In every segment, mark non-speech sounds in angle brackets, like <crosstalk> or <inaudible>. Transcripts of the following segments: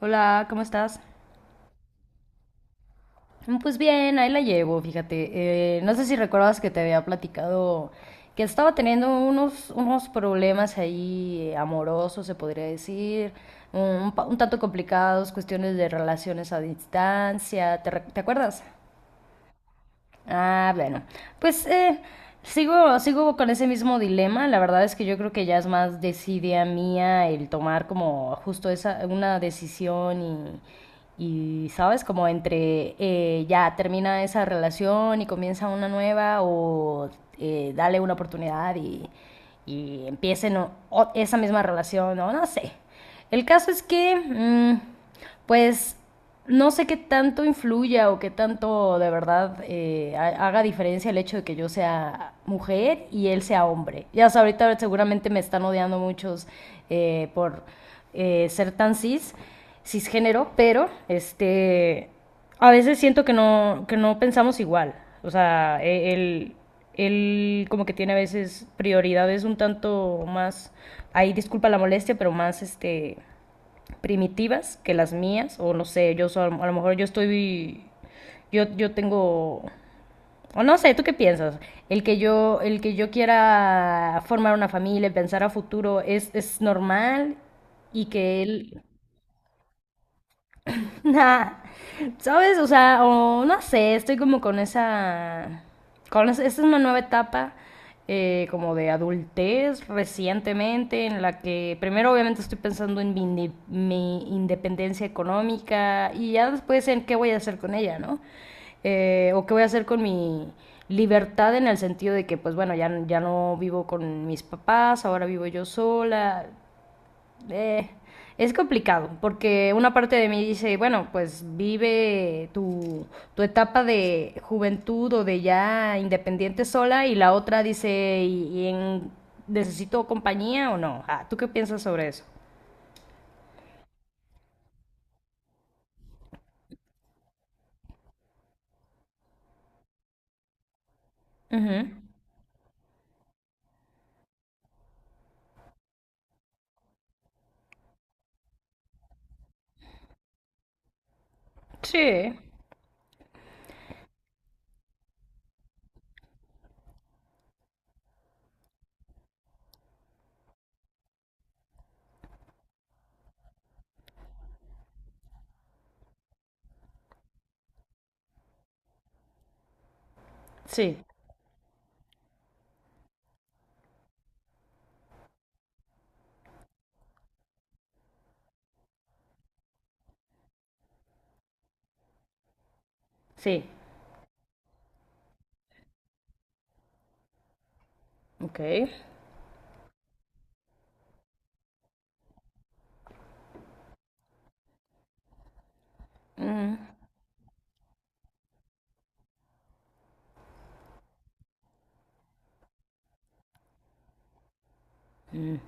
Hola, ¿cómo estás? Mm, pues bien, ahí la llevo, fíjate. No sé si recuerdas que te había platicado que estaba teniendo unos problemas ahí amorosos, se podría decir, un, un tanto complicados, cuestiones de relaciones a distancia, ¿ te acuerdas? Ah, bueno. Pues sigo con ese mismo dilema. La verdad es que yo creo que ya es más desidia mía el tomar como justo una decisión y, ¿sabes? Como entre ya termina esa relación y comienza una nueva o dale una oportunidad y empiecen esa misma relación o no sé. El caso es que, pues no sé qué tanto influya o qué tanto de verdad haga diferencia el hecho de que yo sea mujer y él sea hombre. Ya sabes, ahorita seguramente me están odiando muchos por ser tan cisgénero, pero este, a veces siento que no pensamos igual. O sea, él como que tiene a veces prioridades un tanto más, ahí disculpa la molestia, pero más este primitivas que las mías, o no sé, yo a lo mejor yo estoy, yo tengo, o no sé, ¿tú qué piensas? El que yo quiera formar una familia, pensar a futuro, es normal y que él, <laughs> nah, ¿sabes? O sea, o no sé, estoy como con esa... Con esa, esta es una nueva etapa como de adultez recientemente, en la que primero obviamente estoy pensando en mi independencia económica y ya después en qué voy a hacer con ella, ¿no? O qué voy a hacer con mi libertad, en el sentido de que pues bueno, ya, ya no vivo con mis papás, ahora vivo yo sola, eh, es complicado, porque una parte de mí dice, bueno, pues vive tu etapa de juventud o de ya independiente sola, y la otra dice, ¿y, necesito compañía o no? Ah, ¿tú qué piensas sobre eso? Ujú. Sí, sí, sí. Ok. Mm. Mm.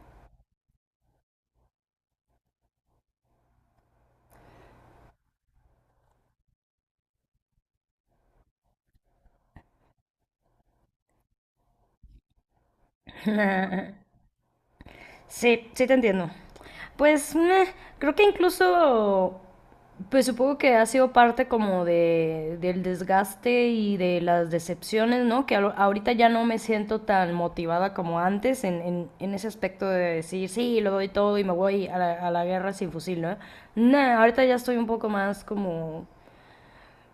<laughs> Sí, sí te entiendo. Pues meh, creo que incluso, pues supongo que ha sido parte como de, del desgaste y de las decepciones, ¿no? Ahorita ya no me siento tan motivada como antes en ese aspecto de decir, sí, lo doy todo y me voy a la guerra sin fusil, ¿no? Nah, ahorita ya estoy un poco más como,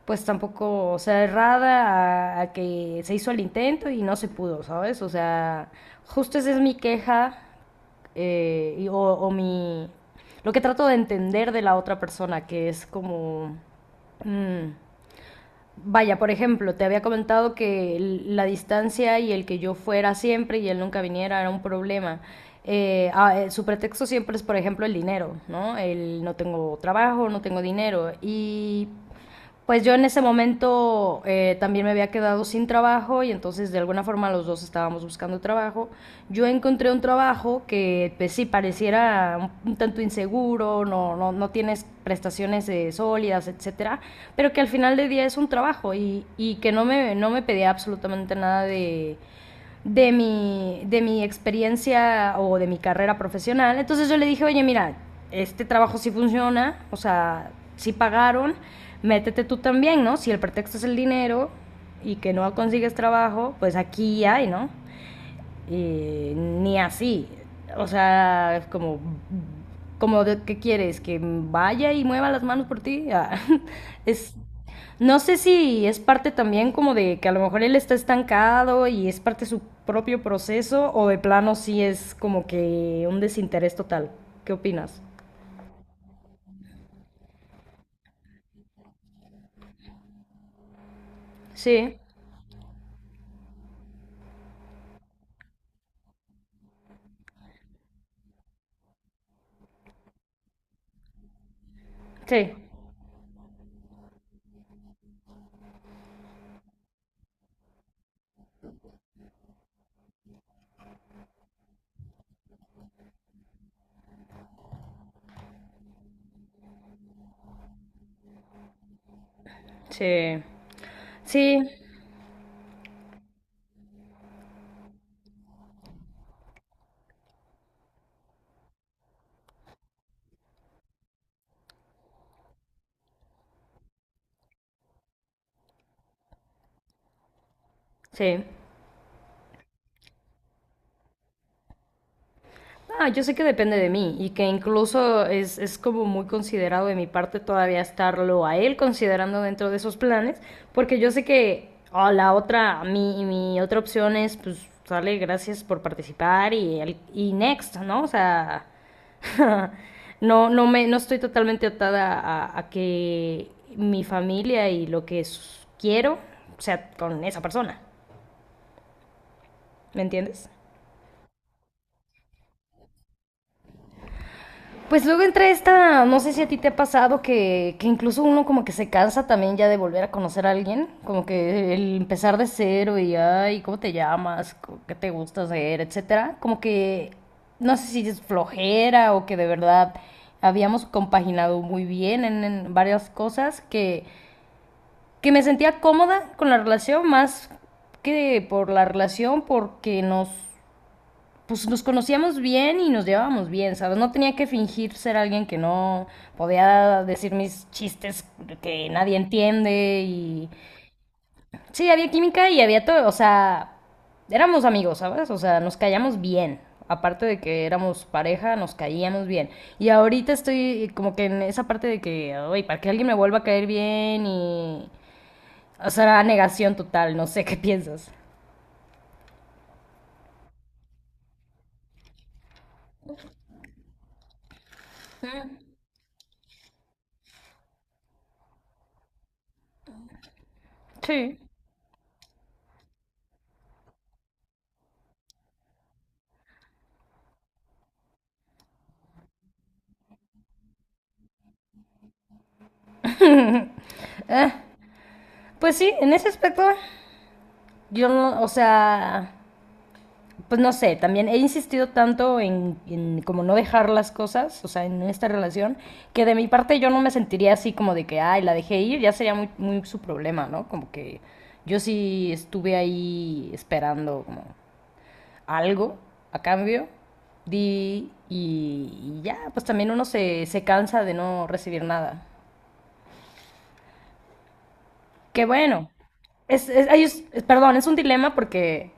pues tampoco cerrada a que se hizo el intento y no se pudo, ¿sabes? O sea, justo esa es mi queja o mi... Lo que trato de entender de la otra persona, que es como... mm, Vaya, por ejemplo, te había comentado que la distancia y el que yo fuera siempre y él nunca viniera era un problema. Su pretexto siempre es, por ejemplo, el dinero, ¿no? El no tengo trabajo, no tengo dinero. Y pues yo en ese momento también me había quedado sin trabajo, y entonces de alguna forma los dos estábamos buscando trabajo. Yo encontré un trabajo que pues sí pareciera un tanto inseguro inseguro, no, no, no tienes prestaciones sólidas, etcétera, pero que al final del día es un trabajo y que no me, no me pedía absolutamente nada de, de mi experiencia o de mi carrera profesional. Entonces yo le dije, oye, mira, este trabajo sí funciona, o sea, sí pagaron, métete tú también, ¿no? Si el pretexto es el dinero y que no consigues trabajo, pues aquí hay, ¿no? Y ni así. O sea, es como, como de, ¿qué quieres? ¿Que vaya y mueva las manos por ti? Ah, <laughs> es, no sé si es parte también como de que a lo mejor él está estancado y es parte de su propio proceso, o de plano sí es como que un desinterés total. ¿Qué opinas? Sí, sí, sí, sí, sí. Ah, yo sé que depende de mí y que incluso es como muy considerado de mi parte todavía estarlo a él considerando dentro de esos planes, porque yo sé que ah, la otra, mi otra opción es, pues, sale, gracias por participar y, y next, ¿no? O sea, <laughs> no, no, no estoy totalmente atada a que mi familia y lo que quiero sea con esa persona, ¿me entiendes? Pues luego entra esta, no sé si a ti te ha pasado que incluso uno como que se cansa también ya de volver a conocer a alguien, como que el empezar de cero y ay, ¿cómo te llamas? ¿Qué te gusta hacer? Etcétera. Como que no sé si es flojera o que de verdad habíamos compaginado muy bien en varias cosas que me sentía cómoda con la relación más que por la relación porque nos pues nos conocíamos bien y nos llevábamos bien, ¿sabes? No tenía que fingir ser alguien que no, podía decir mis chistes que nadie entiende y sí, había química y había todo, o sea, éramos amigos, ¿sabes? O sea, nos callamos bien. Aparte de que éramos pareja, nos caíamos bien. Y ahorita estoy como que en esa parte de que, oye, para que alguien me vuelva a caer bien y... O sea, negación total, no sé qué <laughs> piensas. Sí. Pues sí, en ese aspecto, yo no, o sea, pues no sé, también he insistido tanto en, como no dejar las cosas, o sea, en esta relación, que de mi parte yo no me sentiría así como de que, ay, la dejé ir, ya sería muy, muy su problema, ¿no? Como que yo sí estuve ahí esperando como algo a cambio, di y ya, pues también uno se, se cansa de no recibir nada. Que bueno, es, ay, perdón, es un dilema porque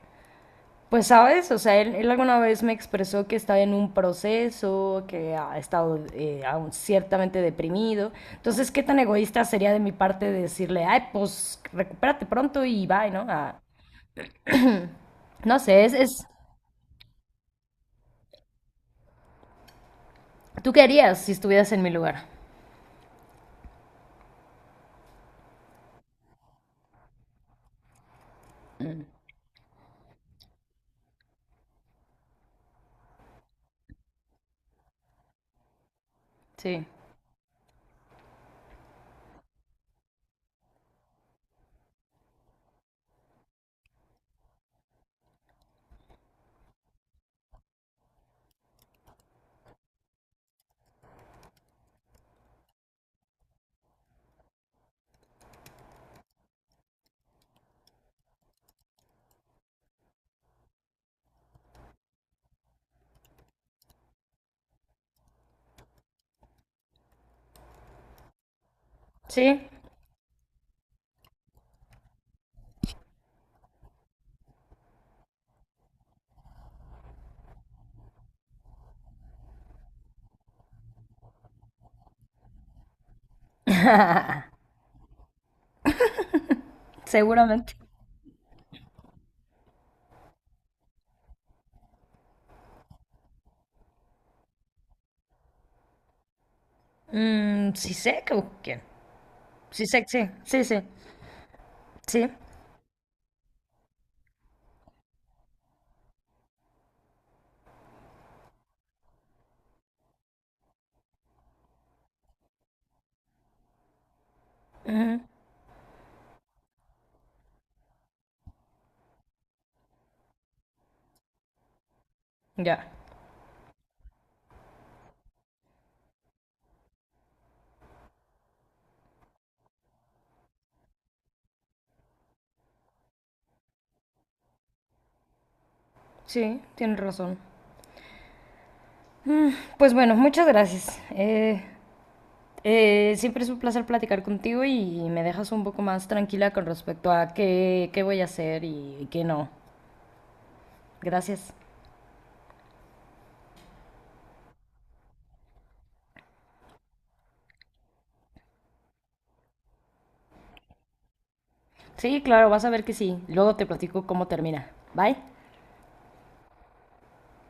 pues sabes, o sea, él alguna vez me expresó que estaba en un proceso, que ha estado aún ciertamente deprimido. Entonces, ¿qué tan egoísta sería de mi parte decirle, ay, pues recupérate pronto y bye, ¿no? Ah, no sé, es... ¿Tú qué harías si estuvieras en mi lugar? Sí. Sí. <laughs> Seguramente. Mm, sí sé que quién. Sí sé, sí, sí, sí. Sí. Ujú, ya. Sí, tienes razón. Mm, pues bueno, muchas gracias. Siempre es un placer platicar contigo y me dejas un poco más tranquila con respecto a qué, qué voy a hacer y qué no. Gracias. Sí, claro, vas a ver que sí. Luego te platico cómo termina. Bye.